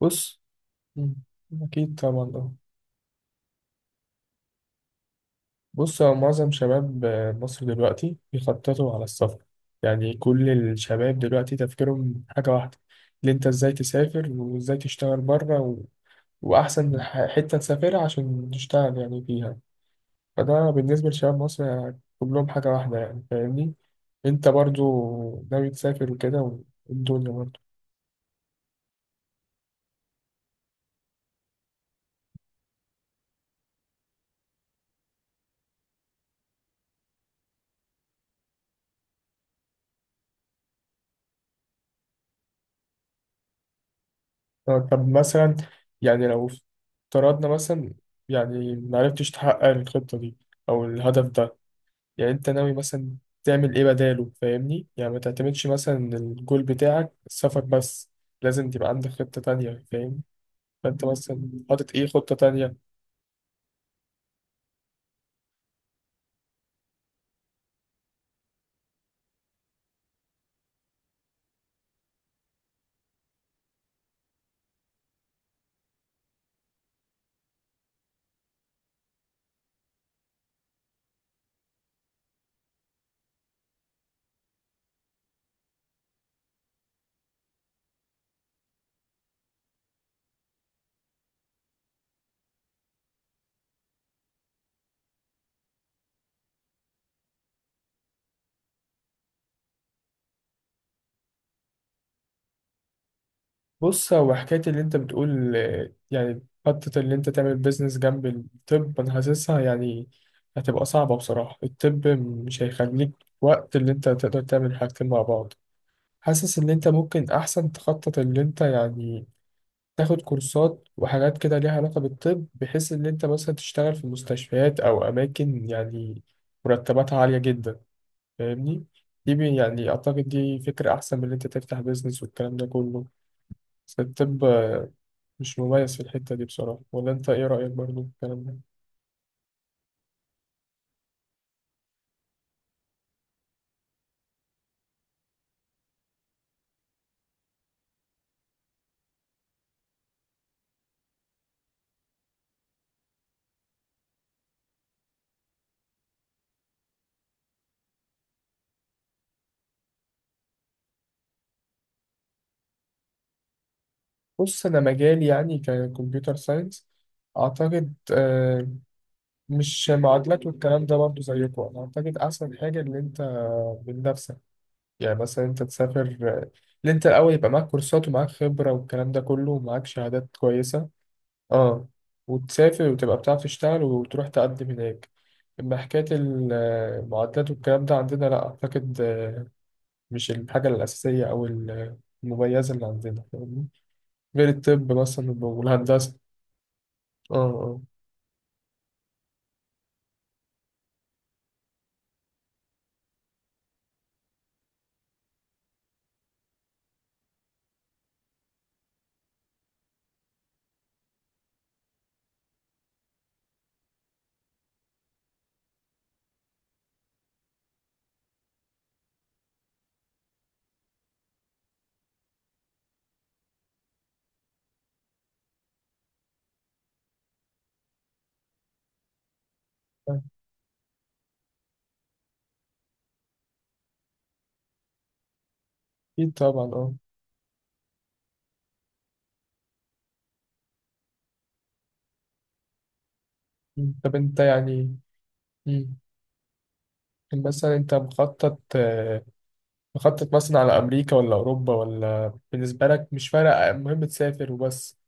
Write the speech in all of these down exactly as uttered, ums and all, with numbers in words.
بص. مم. أكيد طبعا أه. بص، هو معظم شباب آه، مصر دلوقتي بيخططوا على السفر. يعني كل الشباب دلوقتي تفكيرهم حاجة واحدة، اللي أنت إزاي تسافر وإزاي تشتغل بره و... وأحسن ح- حتة تسافرها عشان تشتغل يعني فيها. فده بالنسبة لشباب مصر يعني كلهم حاجة واحدة، يعني فاهمني؟ أنت برضو ناوي تسافر وكده والدنيا برضو. طب طب مثلا، يعني لو افترضنا مثلا، يعني معرفتش تحقق الخطة دي أو الهدف ده، يعني أنت ناوي مثلا تعمل إيه بداله فاهمني؟ يعني ما تعتمدش مثلا إن الجول بتاعك السفر بس، لازم تبقى عندك خطة تانية فاهم؟ فأنت مثلا حاطط إيه خطة تانية؟ بص، هو حكاية اللي أنت بتقول آه، يعني خطة اللي أنت تعمل بيزنس جنب الطب، أنا حاسسها يعني هتبقى صعبة بصراحة. الطب مش هيخليك وقت اللي أنت تقدر تعمل حاجتين مع بعض. حاسس ان انت ممكن احسن تخطط اللي انت يعني تاخد كورسات وحاجات كده ليها علاقة بالطب، بحيث ان انت مثلا تشتغل في مستشفيات او اماكن يعني مرتباتها عالية جدا، فاهمني؟ دي بي- يعني اعتقد دي فكرة احسن من ان انت تفتح بيزنس والكلام ده كله. بس الطب آه، مش مميز في الحتة دي بصراحة، ولا انت ايه رأيك برضو في الكلام ده؟ بص، انا مجالي يعني ككمبيوتر ساينس، اعتقد آه، مش معادلات والكلام ده برضه زيكم. انا اعتقد احسن حاجه ان انت من نفسك، يعني مثلا انت تسافر اللي انت الاول يبقى معاك كورسات ومعاك خبره والكلام ده كله ومعاك شهادات كويسه. اه، وتسافر وتبقى بتعرف تشتغل وتروح تقدم هناك. اما حكايه المعادلات والكلام ده عندنا لا اعتقد آه، مش الحاجه الاساسيه او المميزه اللي عندنا فاهمني؟ غير الطب مثلا والهندسه. اه. اه، اكيد طبعا اه. طب انت يعني، مم. مثلا انت مخطط آه، مخطط مثلا على امريكا ولا اوروبا، ولا بالنسبه لك مش فارق المهم تسافر وبس؟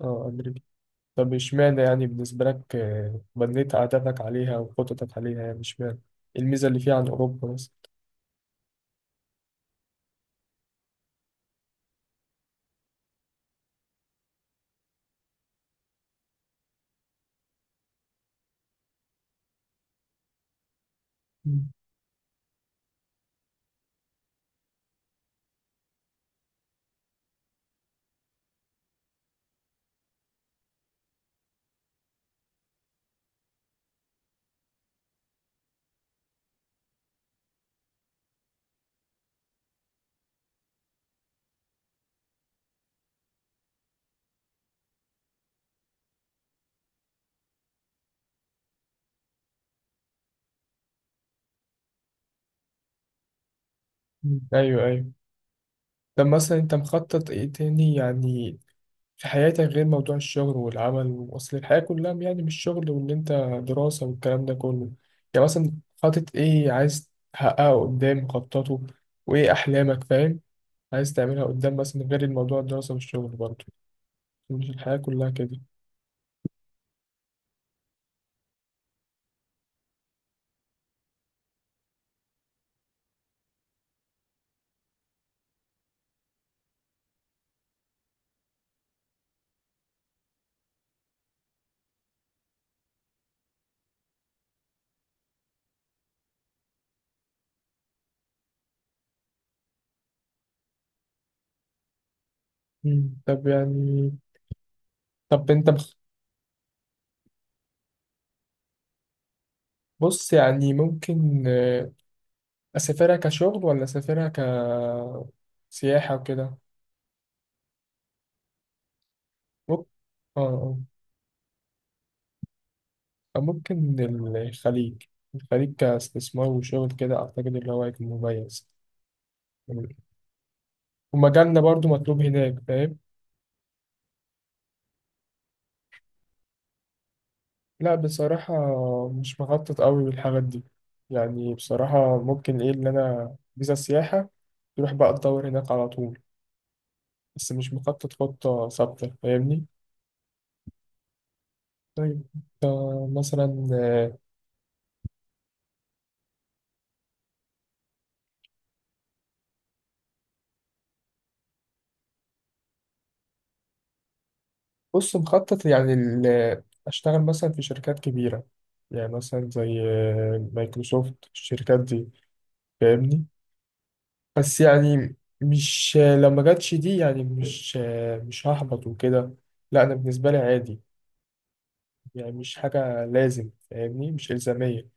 اه، امريكا. طب اشمعنى يعني بالنسبه لك آه، بنيت عاداتك عليها وخططك عليها، يعني اشمعنى إيه الميزه اللي فيها عن اوروبا مثلا؟ مم. مم، ايوه ايوه. طب مثلا انت مخطط ايه تاني يعني في حياتك غير موضوع الشغل والعمل؟ وأصل الحياة كلها يعني مش شغل وإن أنت دراسة والكلام ده كله. يعني مثلا حاطط إيه عايز تحققه قدام، مخططه وإيه أحلامك فاهم، عايز تعملها قدام مثلا غير الموضوع الدراسة والشغل برضه؟ مش الحياة كلها كده. مم. طب يعني، طب أنت بخ... بص يعني ممكن آه، أسافرها كشغل ولا أسافرها كسياحة وكده؟ ممكن، آه آه، ممكن الخليج. الخليج كاستثمار وشغل كده أعتقد اللي هو هيكون مميز، ومجالنا برضو مطلوب هناك فاهم. لا بصراحة مش مخطط قوي بالحاجات دي. يعني بصراحة ممكن إيه اللي أنا فيزا سياحة، تروح بقى تدور هناك على طول، بس مش مخطط خطة ثابتة فاهمني. طيب، آه، مثلا، آه، بص مخطط يعني ال- أشتغل مثلا في شركات كبيرة، يعني مثلا زي آه، مايكروسوفت، الشركات دي فاهمني. بس يعني مش لو ما جاتش دي، يعني مش مش هحبط وكده. لا انا بالنسبه لي عادي، يعني مش حاجه لازم فاهمني، مش الزاميه.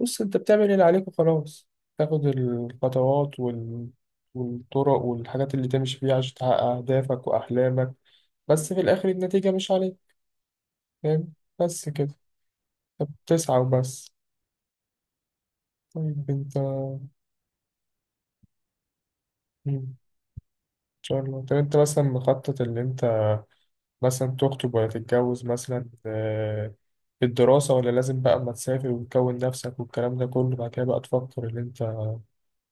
بص، انت بتعمل اللي عليك وخلاص. تاخد الخطوات وال... والطرق والحاجات اللي تمشي فيها عشان تحقق اهدافك واحلامك، بس في الاخر النتيجه مش عليك فاهم؟ بس كده، انت بتسعى وبس. طيب انت، مم. ان شاء الله. طب انت مثلا مخطط اللي انت مثلا تخطب ولا تتجوز مثلا، آه، الدراسة ولا لازم بقى أما تسافر وتكون نفسك والكلام ده كله بعد كده بقى تفكر إن أنت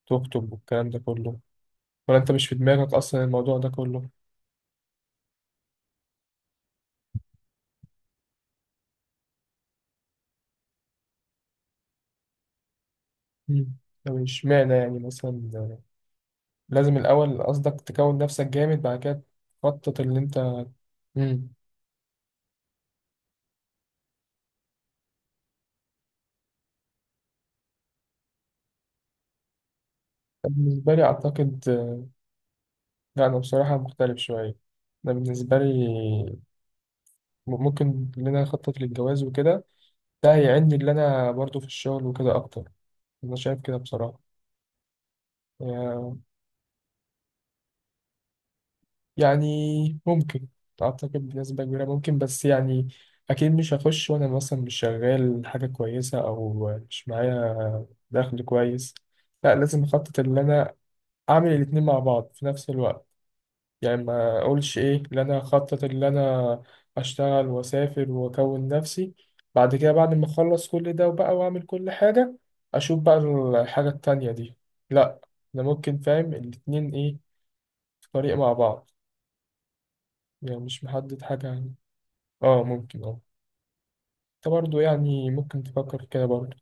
تخطب والكلام ده كله، ولا أنت مش في دماغك أصلا الموضوع ده كله؟ مم. طب اشمعنى يعني مثلا آه، لازم الأول قصدك تكون نفسك جامد بعد كده تخطط اللي أنت؟ مم. بالنسبة لي أعتقد آه، لا أنا بصراحة مختلف شوية. أنا بالنسبة لي ممكن إن أنا أخطط للجواز وكده، ده هيعني اللي أنا برضو في الشغل وكده أكتر. أنا شايف كده بصراحة. يا- يعني ممكن، أعتقد بنسبة كبيرة ممكن، بس يعني أكيد مش هخش وأنا مثلا مش شغال حاجة كويسة أو مش معايا دخل كويس. لا، لازم أخطط إن أنا أعمل الاتنين مع بعض في نفس الوقت. يعني ما أقولش إيه إن أنا أخطط إن أنا أشتغل وأسافر وأكون نفسي، بعد كده بعد ما أخلص كل ده وبقى وأعمل كل حاجة أشوف بقى الحاجة التانية دي. لا، أنا ممكن فاهم الاتنين إيه، طريق مع بعض. يعني مش محدد حاجة يعني. اه ممكن اه. انت برضه يعني ممكن تفكر في كده برضه.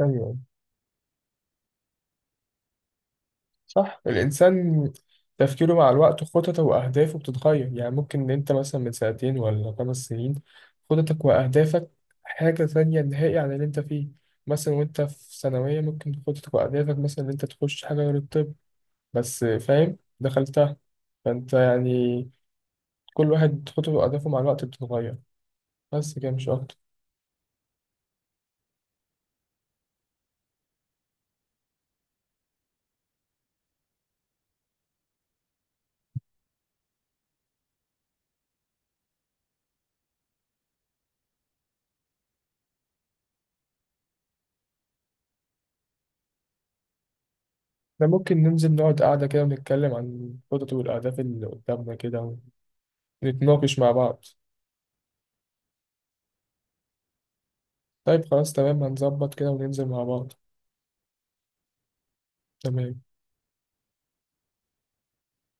ايوه، صح. الانسان تفكيره مع الوقت خططه واهدافه بتتغير، يعني ممكن ان انت مثلا من سنتين ولا خمس سنين خططك واهدافك حاجة تانية نهائي عن اللي انت فيه. مثلا وانت في ثانوية ممكن خططك واهدافك مثلا ان انت تخش حاجة غير الطب، بس فاهم دخلتها. فانت يعني كل واحد خططه واهدافه مع الوقت بتتغير، بس كده مش اكتر. ده ممكن ننزل نقعد قعدة كده ونتكلم عن الخطط والأهداف اللي قدامنا كده ونتناقش مع بعض. طيب خلاص تمام، هنظبط كده وننزل مع بعض. تمام.